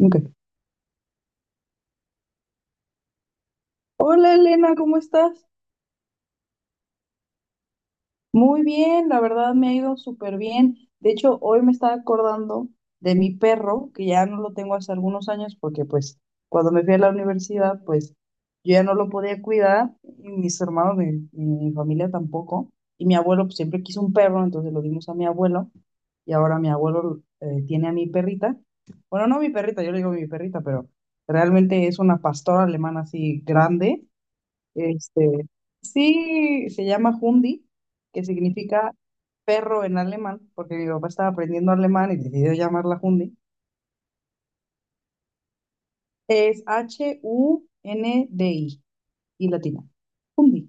Ok. Hola Elena, ¿cómo estás? Muy bien, la verdad me ha ido súper bien. De hecho, hoy me estaba acordando de mi perro, que ya no lo tengo hace algunos años porque pues cuando me fui a la universidad, pues yo ya no lo podía cuidar, y mis hermanos, mi familia tampoco, y mi abuelo pues, siempre quiso un perro, entonces lo dimos a mi abuelo, y ahora mi abuelo tiene a mi perrita. Bueno, no mi perrita, yo le digo mi perrita, pero realmente es una pastora alemana así grande. Este, sí, se llama Hundi, que significa perro en alemán, porque mi papá estaba aprendiendo alemán y decidió llamarla Hundi. Es Hundi y latina. Hundi.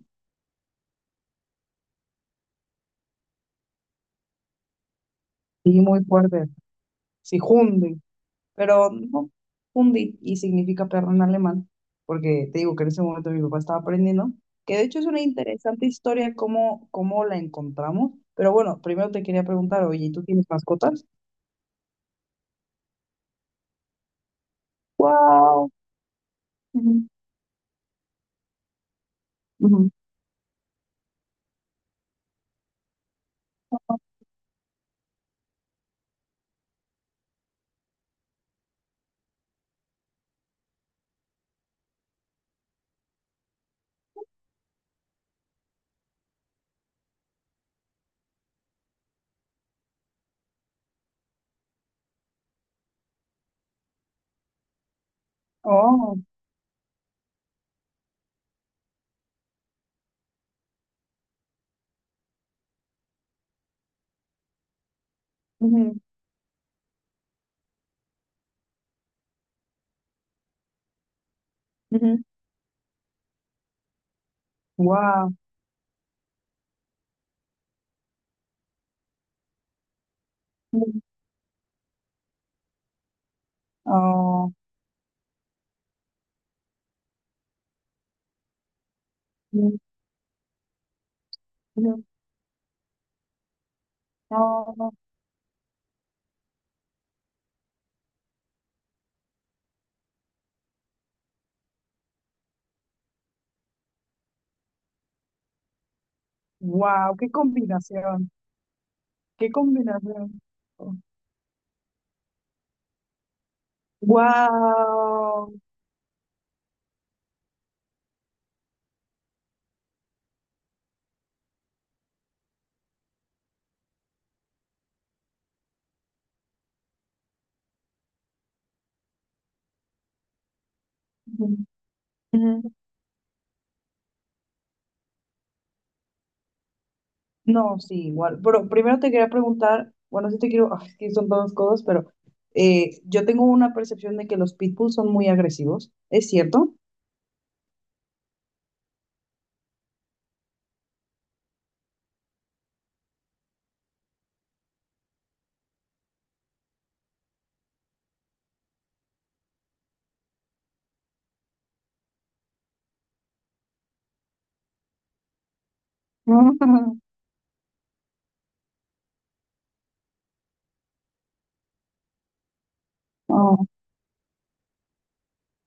Y muy fuerte. Sí, Hundi. Pero no, Hundi y significa perro en alemán, porque te digo que en ese momento mi papá estaba aprendiendo, que de hecho es una interesante historia cómo la encontramos. Pero bueno, primero te quería preguntar, oye, ¿tú tienes mascotas? ¡Wow! Ujú. Oh, ujú, ujú. Wow. Oh, ujú. Oh, wow, qué combinación, qué combinación. Wow. No, sí, igual. Pero primero te quería preguntar, bueno, sí te quiero, ay, es que son dos cosas, pero yo tengo una percepción de que los pitbulls son muy agresivos, ¿es cierto? Ujú. Oh,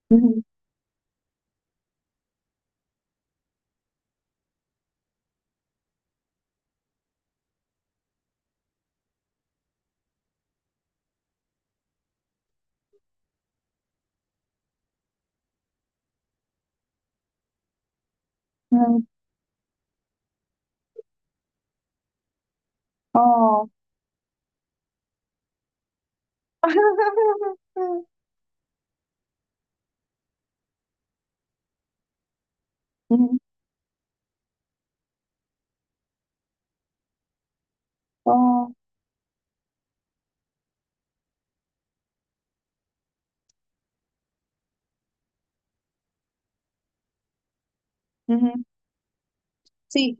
ujú, ujú. Oh. Ujú. Oh. Ujú. Sí,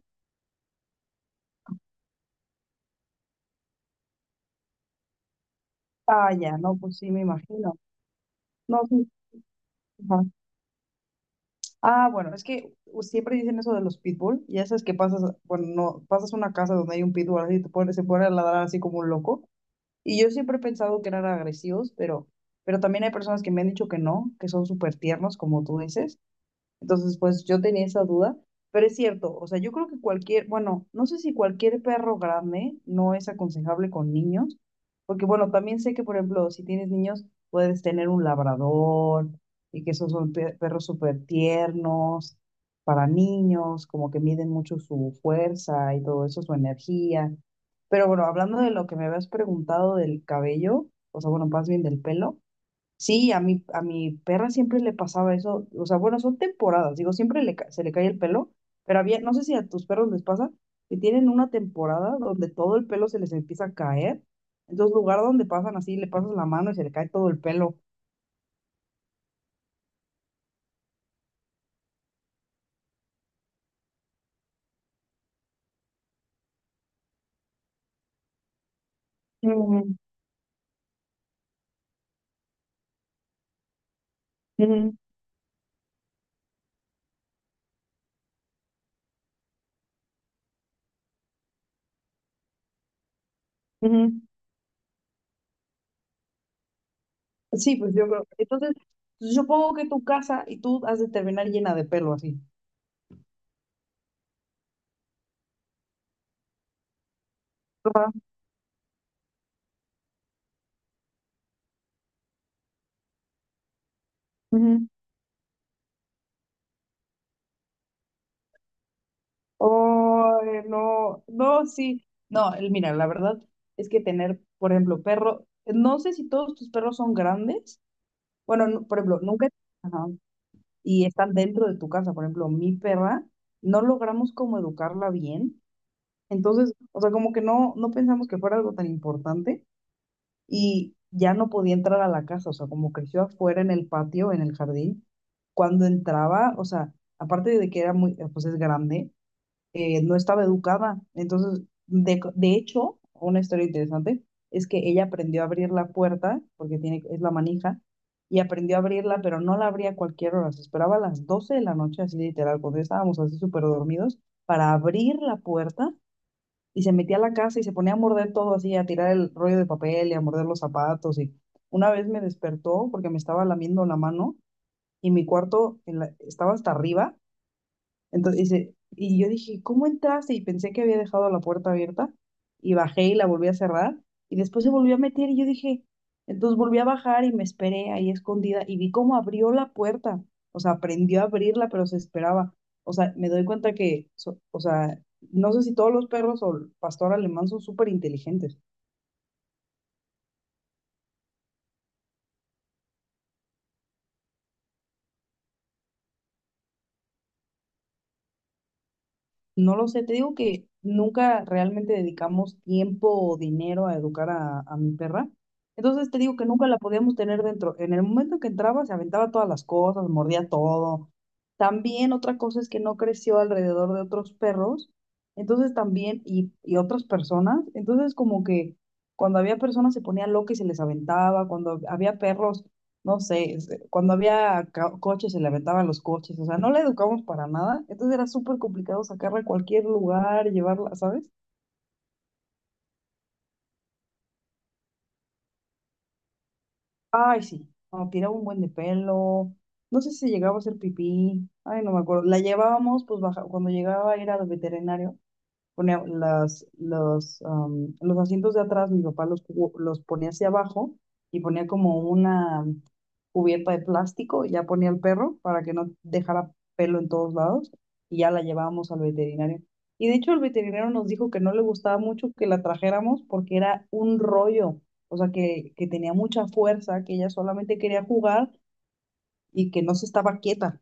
ah, ya, no, pues sí, me imagino. No, sí. Ajá. Ah, bueno, es que siempre dicen eso de los pitbull, y ya sabes que pasas, bueno, no, pasas una casa donde hay un pitbull así, te pone, se pone a ladrar así como un loco, y yo siempre he pensado que eran agresivos, pero también hay personas que me han dicho que no, que son súper tiernos, como tú dices. Entonces, pues yo tenía esa duda, pero es cierto, o sea, yo creo que cualquier, bueno, no sé si cualquier perro grande no es aconsejable con niños, porque bueno, también sé que, por ejemplo, si tienes niños, puedes tener un labrador y que esos son perros súper tiernos para niños, como que miden mucho su fuerza y todo eso, su energía. Pero bueno, hablando de lo que me habías preguntado del cabello, o sea, bueno, más bien del pelo. Sí, a mi perra siempre le pasaba eso, o sea, bueno, son temporadas, digo, siempre se le cae el pelo, pero había, no sé si a tus perros les pasa, que tienen una temporada donde todo el pelo se les empieza a caer, entonces lugar donde pasan así, le pasas la mano y se le cae todo el pelo. Ujú, ujú, ujú. Sí, pues yo creo, entonces, pues, yo supongo que tu casa y tú has de terminar llena de pelo así. Ajá, ujú. Oh, no, no, sí. No, mira, la verdad es que tener, por ejemplo, perro, no sé si todos tus perros son grandes. Bueno, por ejemplo, nunca, ajá, y están dentro de tu casa. Por ejemplo, mi perra, no logramos como educarla bien. Entonces, o sea, como que no pensamos que fuera algo tan importante y ya no podía entrar a la casa. O sea, como creció afuera en el patio, en el jardín, cuando entraba, o sea, aparte de que era muy, pues es grande no estaba educada. Entonces, de hecho, una historia interesante es que ella aprendió a abrir la puerta, porque tiene, es la manija, y aprendió a abrirla, pero no la abría a cualquier hora, se esperaba a las 12 de la noche, así literal, cuando ya estábamos así súper dormidos, para abrir la puerta y se metía a la casa y se ponía a morder todo así, a tirar el rollo de papel y a morder los zapatos. Y una vez me despertó porque me estaba lamiendo la mano y mi cuarto estaba hasta arriba. Entonces, dice, y yo dije, ¿cómo entraste? Y pensé que había dejado la puerta abierta y bajé y la volví a cerrar y después se volvió a meter y yo dije, entonces volví a bajar y me esperé ahí escondida y vi cómo abrió la puerta, o sea, aprendió a abrirla, pero se esperaba. O sea, me doy cuenta que, o sea, no sé si todos los perros o el pastor alemán son súper inteligentes. No lo sé, te digo que nunca realmente dedicamos tiempo o dinero a educar a mi perra. Entonces te digo que nunca la podíamos tener dentro. En el momento que entraba, se aventaba todas las cosas, mordía todo. También otra cosa es que no creció alrededor de otros perros, entonces también, y otras personas. Entonces como que cuando había personas se ponía loca y se les aventaba, cuando había perros no sé, cuando había coches se le aventaban los coches, o sea, no la educamos para nada, entonces era súper complicado sacarla a cualquier lugar, llevarla, ¿sabes? Ay, sí, no, tiraba un buen de pelo, no sé si llegaba a hacer pipí, ay, no me acuerdo, la llevábamos, pues baja, cuando llegaba a ir al veterinario, ponía las, los, los asientos de atrás, mi papá los ponía hacia abajo y ponía como una cubierta de plástico, ya ponía al perro para que no dejara pelo en todos lados y ya la llevábamos al veterinario. Y de hecho el veterinario nos dijo que no le gustaba mucho que la trajéramos porque era un rollo, o sea, que tenía mucha fuerza, que ella solamente quería jugar y que no se estaba quieta.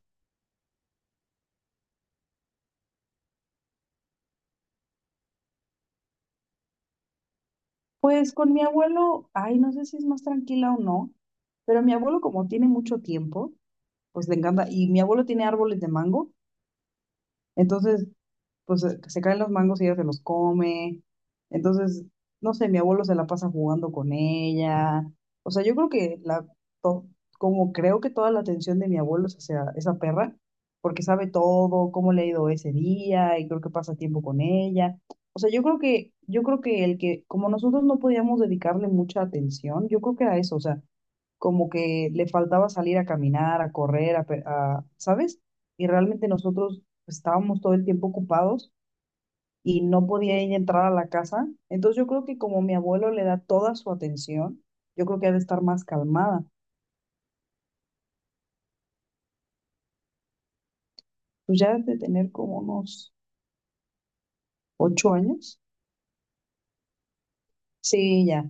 Pues con mi abuelo, ay, no sé si es más tranquila o no, pero mi abuelo como tiene mucho tiempo, pues le encanta, y mi abuelo tiene árboles de mango, entonces pues se caen los mangos y ella se los come. Entonces, no sé, mi abuelo se la pasa jugando con ella. O sea, yo creo que to- como creo que toda la atención de mi abuelo es hacia esa perra, porque sabe todo, cómo le ha ido ese día y creo que pasa tiempo con ella. O sea, yo creo que, el que, como nosotros no podíamos dedicarle mucha atención, yo creo que era eso, o sea, como que le faltaba salir a caminar, a correr, ¿sabes? Y realmente nosotros estábamos todo el tiempo ocupados y no podía ella entrar a la casa. Entonces yo creo que como mi abuelo le da toda su atención, yo creo que ha de estar más calmada. Pues ya de tener como unos 8 años. Sí, ya.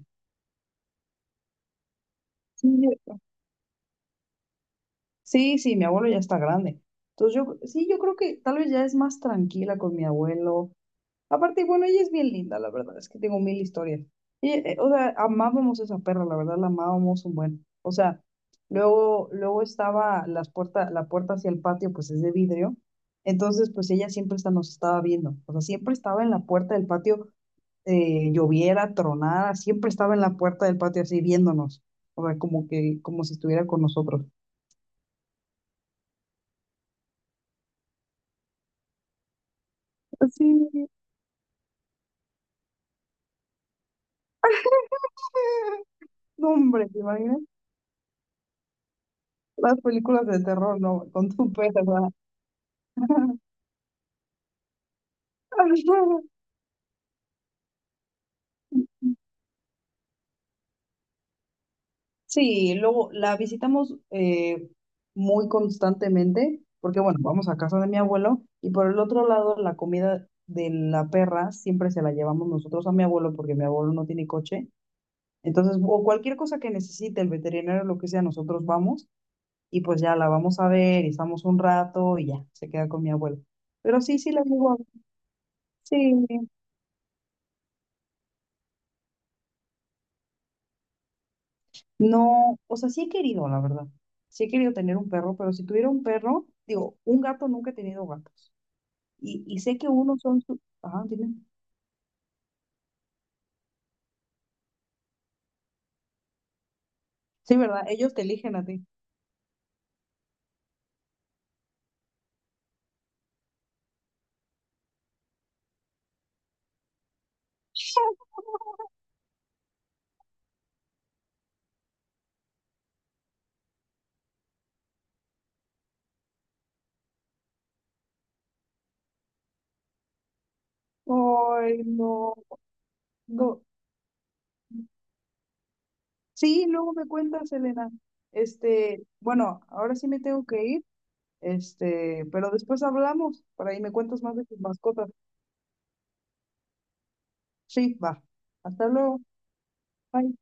Sí, sí, sí, mi abuelo ya está grande. Entonces yo, sí, yo creo que tal vez ya es más tranquila con mi abuelo. Aparte, bueno, ella es bien linda, la verdad, es que tengo mil historias. Y, o sea, amábamos a esa perra, la verdad, la amábamos un buen. O sea, luego, luego estaba las puerta, la puerta hacia el patio, pues es de vidrio. Entonces, pues ella siempre nos estaba viendo. O sea, siempre estaba en la puerta del patio, lloviera, tronara, siempre estaba en la puerta del patio así viéndonos. O sea, como que, como si estuviera con nosotros. Así, no, hombre, ¿te imaginas? Las películas de terror, no, con tu perra. Sí, luego la visitamos muy constantemente, porque bueno, vamos a casa de mi abuelo y por el otro lado la comida de la perra siempre se la llevamos nosotros a mi abuelo porque mi abuelo no tiene coche. Entonces, o cualquier cosa que necesite el veterinario, lo que sea, nosotros vamos y pues ya la vamos a ver y estamos un rato y ya, se queda con mi abuelo. Pero sí, sí la llevo Sí, no, o sea, sí he querido, la verdad. Sí he querido tener un perro, pero si tuviera un perro, digo, un gato nunca he tenido gatos. Y sé que unos son su... Ajá, dime. Sí, ¿verdad? Ellos te eligen a ti. Ay, no, no. Sí, luego me cuentas, Elena. Bueno, ahora sí me tengo que ir, pero después hablamos, por ahí me cuentas más de tus mascotas. Sí, va. Hasta luego. Bye.